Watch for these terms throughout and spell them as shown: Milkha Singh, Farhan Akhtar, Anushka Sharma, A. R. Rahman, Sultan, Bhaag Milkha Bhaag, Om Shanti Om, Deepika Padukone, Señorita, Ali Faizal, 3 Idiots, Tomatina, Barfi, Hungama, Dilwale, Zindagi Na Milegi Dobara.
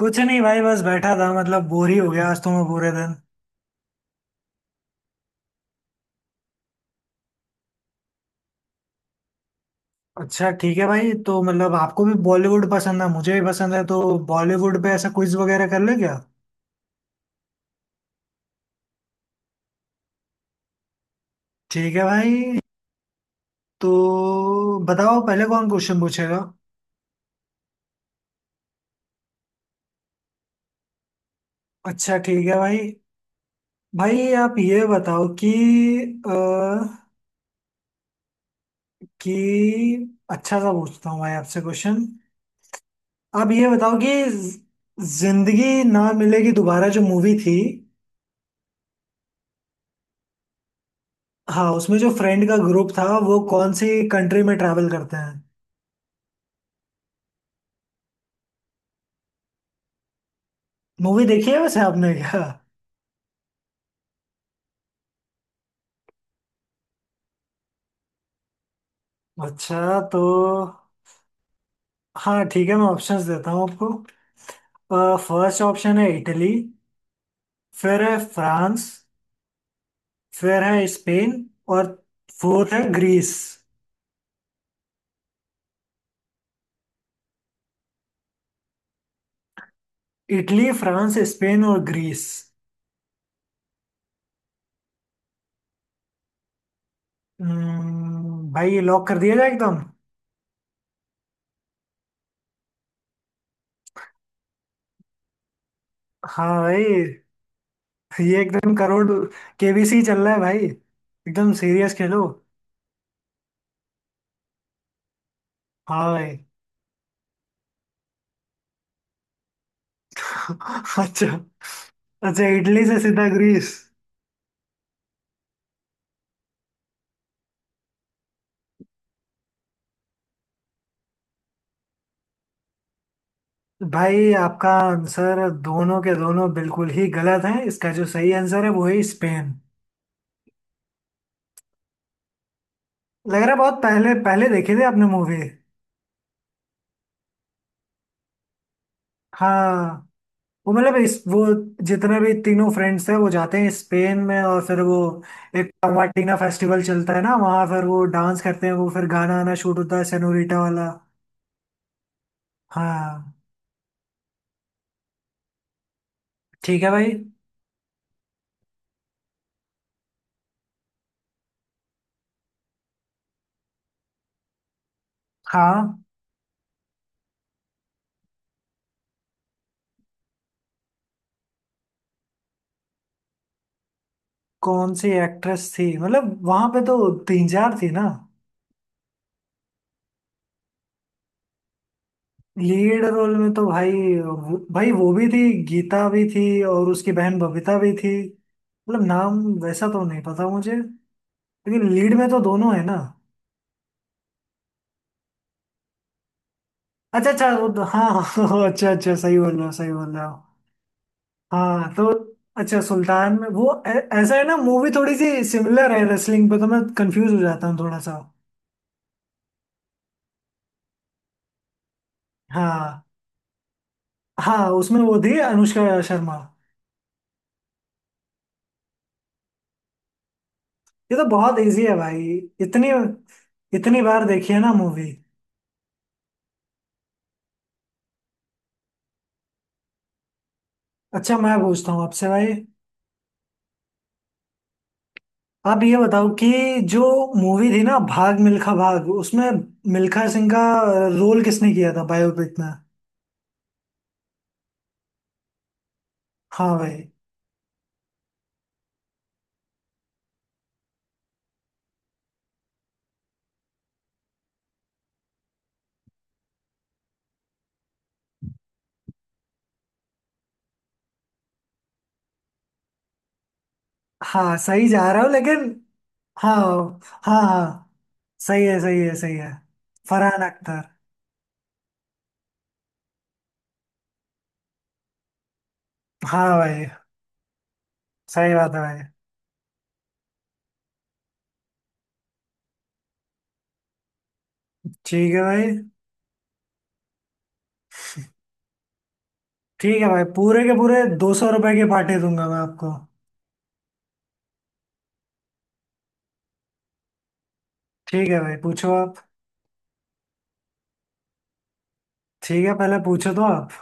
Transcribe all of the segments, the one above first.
कुछ नहीं भाई। बस बैठा था मतलब बोर ही हो गया आज तो मैं पूरे दिन। अच्छा ठीक है भाई। तो मतलब आपको भी बॉलीवुड पसंद है, मुझे भी पसंद है, तो बॉलीवुड पे ऐसा क्विज वगैरह कर ले क्या। ठीक है भाई। तो बताओ पहले कौन क्वेश्चन पूछेगा। अच्छा ठीक है भाई। भाई आप ये बताओ कि, अ, कि अच्छा सा पूछता हूँ भाई आपसे क्वेश्चन। आप ये बताओ कि जिंदगी ना मिलेगी दोबारा जो मूवी थी, हाँ, उसमें जो फ्रेंड का ग्रुप था वो कौन सी कंट्री में ट्रैवल करते हैं। मूवी देखी है वैसे आपने क्या। अच्छा तो हाँ ठीक है, मैं ऑप्शंस देता हूँ आपको। फर्स्ट ऑप्शन है इटली। फिर है फ्रांस। फिर है स्पेन। और फोर्थ है ग्रीस। इटली, फ्रांस, स्पेन और ग्रीस। भाई लॉक कर दिया जाए एकदम। हाँ भाई। ये एकदम करोड़ केबीसी चल रहा है भाई, एकदम सीरियस खेलो। हाँ भाई। अच्छा। अच्छा, इटली से सीधा ग्रीस। भाई आपका आंसर दोनों के दोनों बिल्कुल ही गलत है। इसका जो सही आंसर है वो है स्पेन। लग रहा है बहुत पहले पहले देखी थी आपने मूवी। हाँ, वो मतलब इस, वो जितने भी तीनों फ्रेंड्स हैं वो जाते हैं स्पेन में, और फिर वो एक टमाटीना फेस्टिवल चलता है ना वहाँ। फिर वो डांस करते हैं। वो फिर गाना आना शूट होता है सेनोरिटा वाला। हाँ ठीक है भाई। हाँ, कौन सी एक्ट्रेस थी मतलब वहां पे तो तीन चार थी ना। लीड रोल में तो भाई, भाई वो भी थी, गीता भी थी और उसकी बहन बबीता भी थी। मतलब नाम वैसा तो नहीं पता मुझे, लेकिन लीड में तो दोनों है ना। अच्छा अच्छा, हाँ। हाँ, हाँ, अच्छा अच्छा, सही बोल रहे हो सही बोल रहे हो। हाँ तो अच्छा, सुल्तान में वो ऐसा है ना, मूवी थोड़ी सी सिमिलर है रेसलिंग पे, तो मैं कंफ्यूज हो जाता हूँ थोड़ा सा। हाँ हाँ, उसमें वो थी अनुष्का शर्मा। ये तो बहुत इजी है भाई। इतनी इतनी बार देखी है ना मूवी। अच्छा, मैं पूछता हूँ आपसे भाई। आप ये बताओ कि जो मूवी थी ना भाग मिल्खा भाग, उसमें मिल्खा सिंह का रोल किसने किया था बायोपिक में। हाँ भाई। हाँ सही जा रहा हूँ लेकिन। हाँ हाँ हाँ, सही है सही है सही है। फरहान अख्तर। हाँ भाई, सही बात है भाई। ठीक है भाई। ठीक है भाई, पूरे के पूरे 200 रुपए के पार्टी दूंगा मैं आपको। ठीक है भाई पूछो आप। ठीक है पहले पूछो तो आप।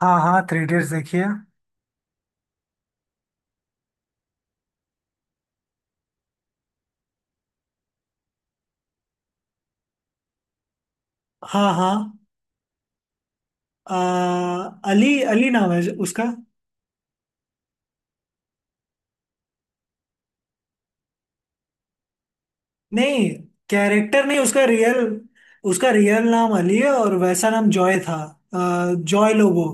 हाँ हाँ, थ्री इडियट्स देखिए। हाँ हाँ। आ, अली अली नाम है उसका। नहीं, कैरेक्टर नहीं उसका रियल। उसका रियल नाम अली है और वैसा नाम जॉय था। जॉय लोबो।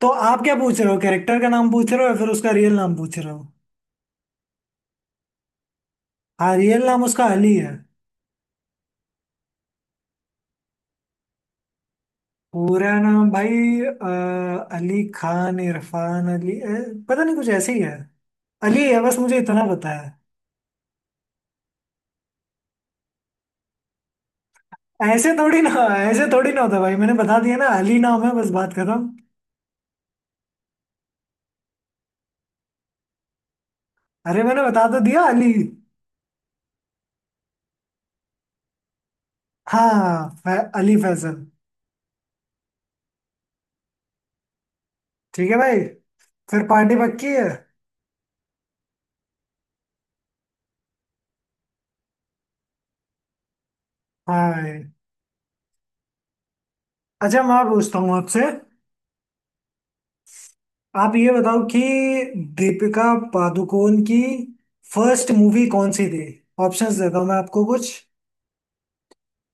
तो आप क्या पूछ रहे हो, कैरेक्टर का नाम पूछ रहे हो या फिर उसका रियल नाम पूछ रहे हो। हाँ, रियल नाम उसका अली है। पूरा नाम भाई। आ, अली खान, इरफान अली, पता नहीं कुछ ऐसे ही है। अली है, बस मुझे इतना पता है। ऐसे थोड़ी ना ऐसे थोड़ी ना होता भाई, मैंने बता दिया ना अली नाम है, बस बात खत्म। अरे मैंने बता तो दिया अली। हाँ, अली फैजल। ठीक है भाई, फिर पार्टी पक्की है। हाँ भाई। अच्छा, मैं पूछता हूँ आपसे। आप ये बताओ कि दीपिका पादुकोण की फर्स्ट मूवी कौन सी थी। ऑप्शंस देता हूँ मैं आपको कुछ।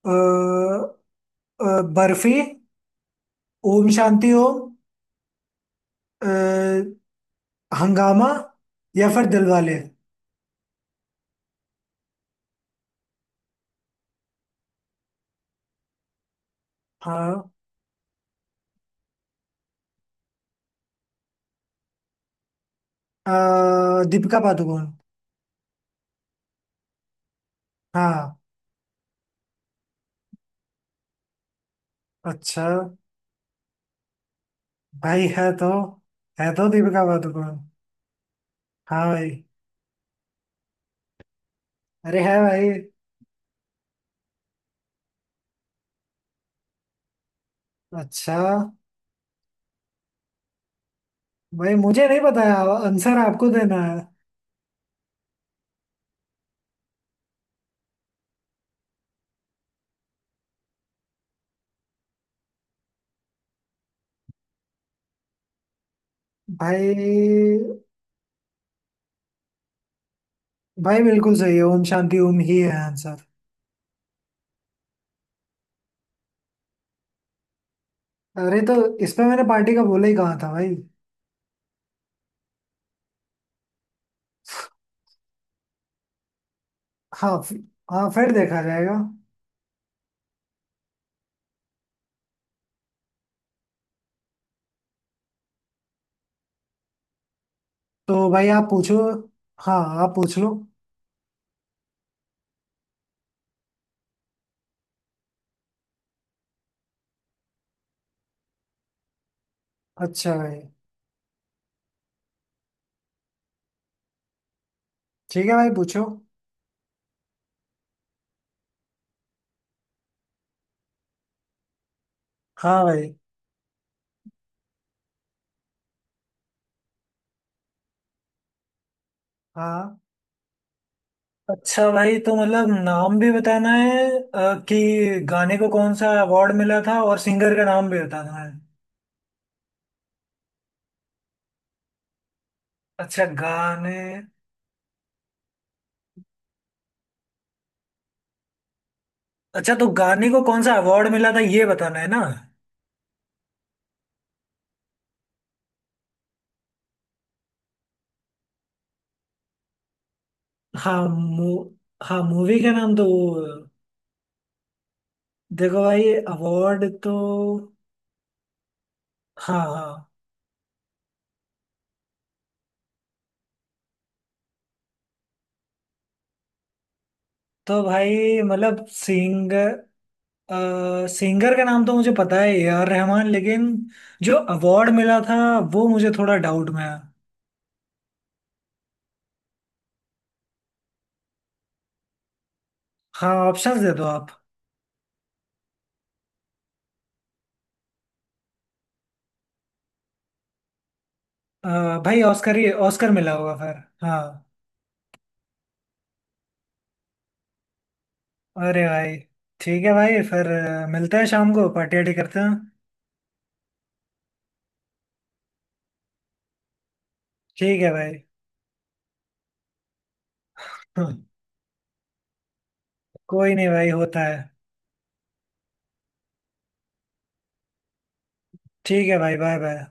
अ, बर्फी, ओम शांति ओम, अ, हंगामा या फिर दिलवाले। हाँ, दीपिका पादुकोण। हाँ, अच्छा भाई। है तो दीपिका पादुकोण। हाँ भाई। अरे, है भाई। अच्छा भाई, मुझे नहीं पता है, आंसर आपको देना है। भाई भाई, बिल्कुल सही है, ओम शांति ओम ही है आंसर। अरे तो इसमें मैंने पार्टी का बोला ही कहा था भाई। हाँ हाँ फिर देखा जाएगा। तो भाई आप पूछो। हाँ, आप पूछ लो। अच्छा भाई। ठीक है भाई पूछो। हाँ भाई। हाँ। अच्छा भाई, तो मतलब नाम भी बताना है, कि गाने को कौन सा अवार्ड मिला था और सिंगर का नाम भी बताना है। अच्छा गाने। अच्छा तो गाने को कौन सा अवार्ड मिला था ये बताना है ना। हाँ मू हाँ मूवी का नाम तो वो। देखो भाई, अवार्ड तो। हाँ हाँ। तो भाई मतलब सिंगर सिंगर का नाम तो मुझे पता है ए आर रहमान, लेकिन जो अवार्ड मिला था वो मुझे थोड़ा डाउट में है। हाँ, ऑप्शंस दे दो आप। अ, भाई, ऑस्कर ही ऑस्कर मिला होगा फिर हाँ। अरे भाई। ठीक है भाई, फिर मिलते हैं शाम को, पार्टी वार्टी करते हैं। ठीक है भाई। कोई नहीं भाई, होता है। ठीक है भाई, बाय बाय।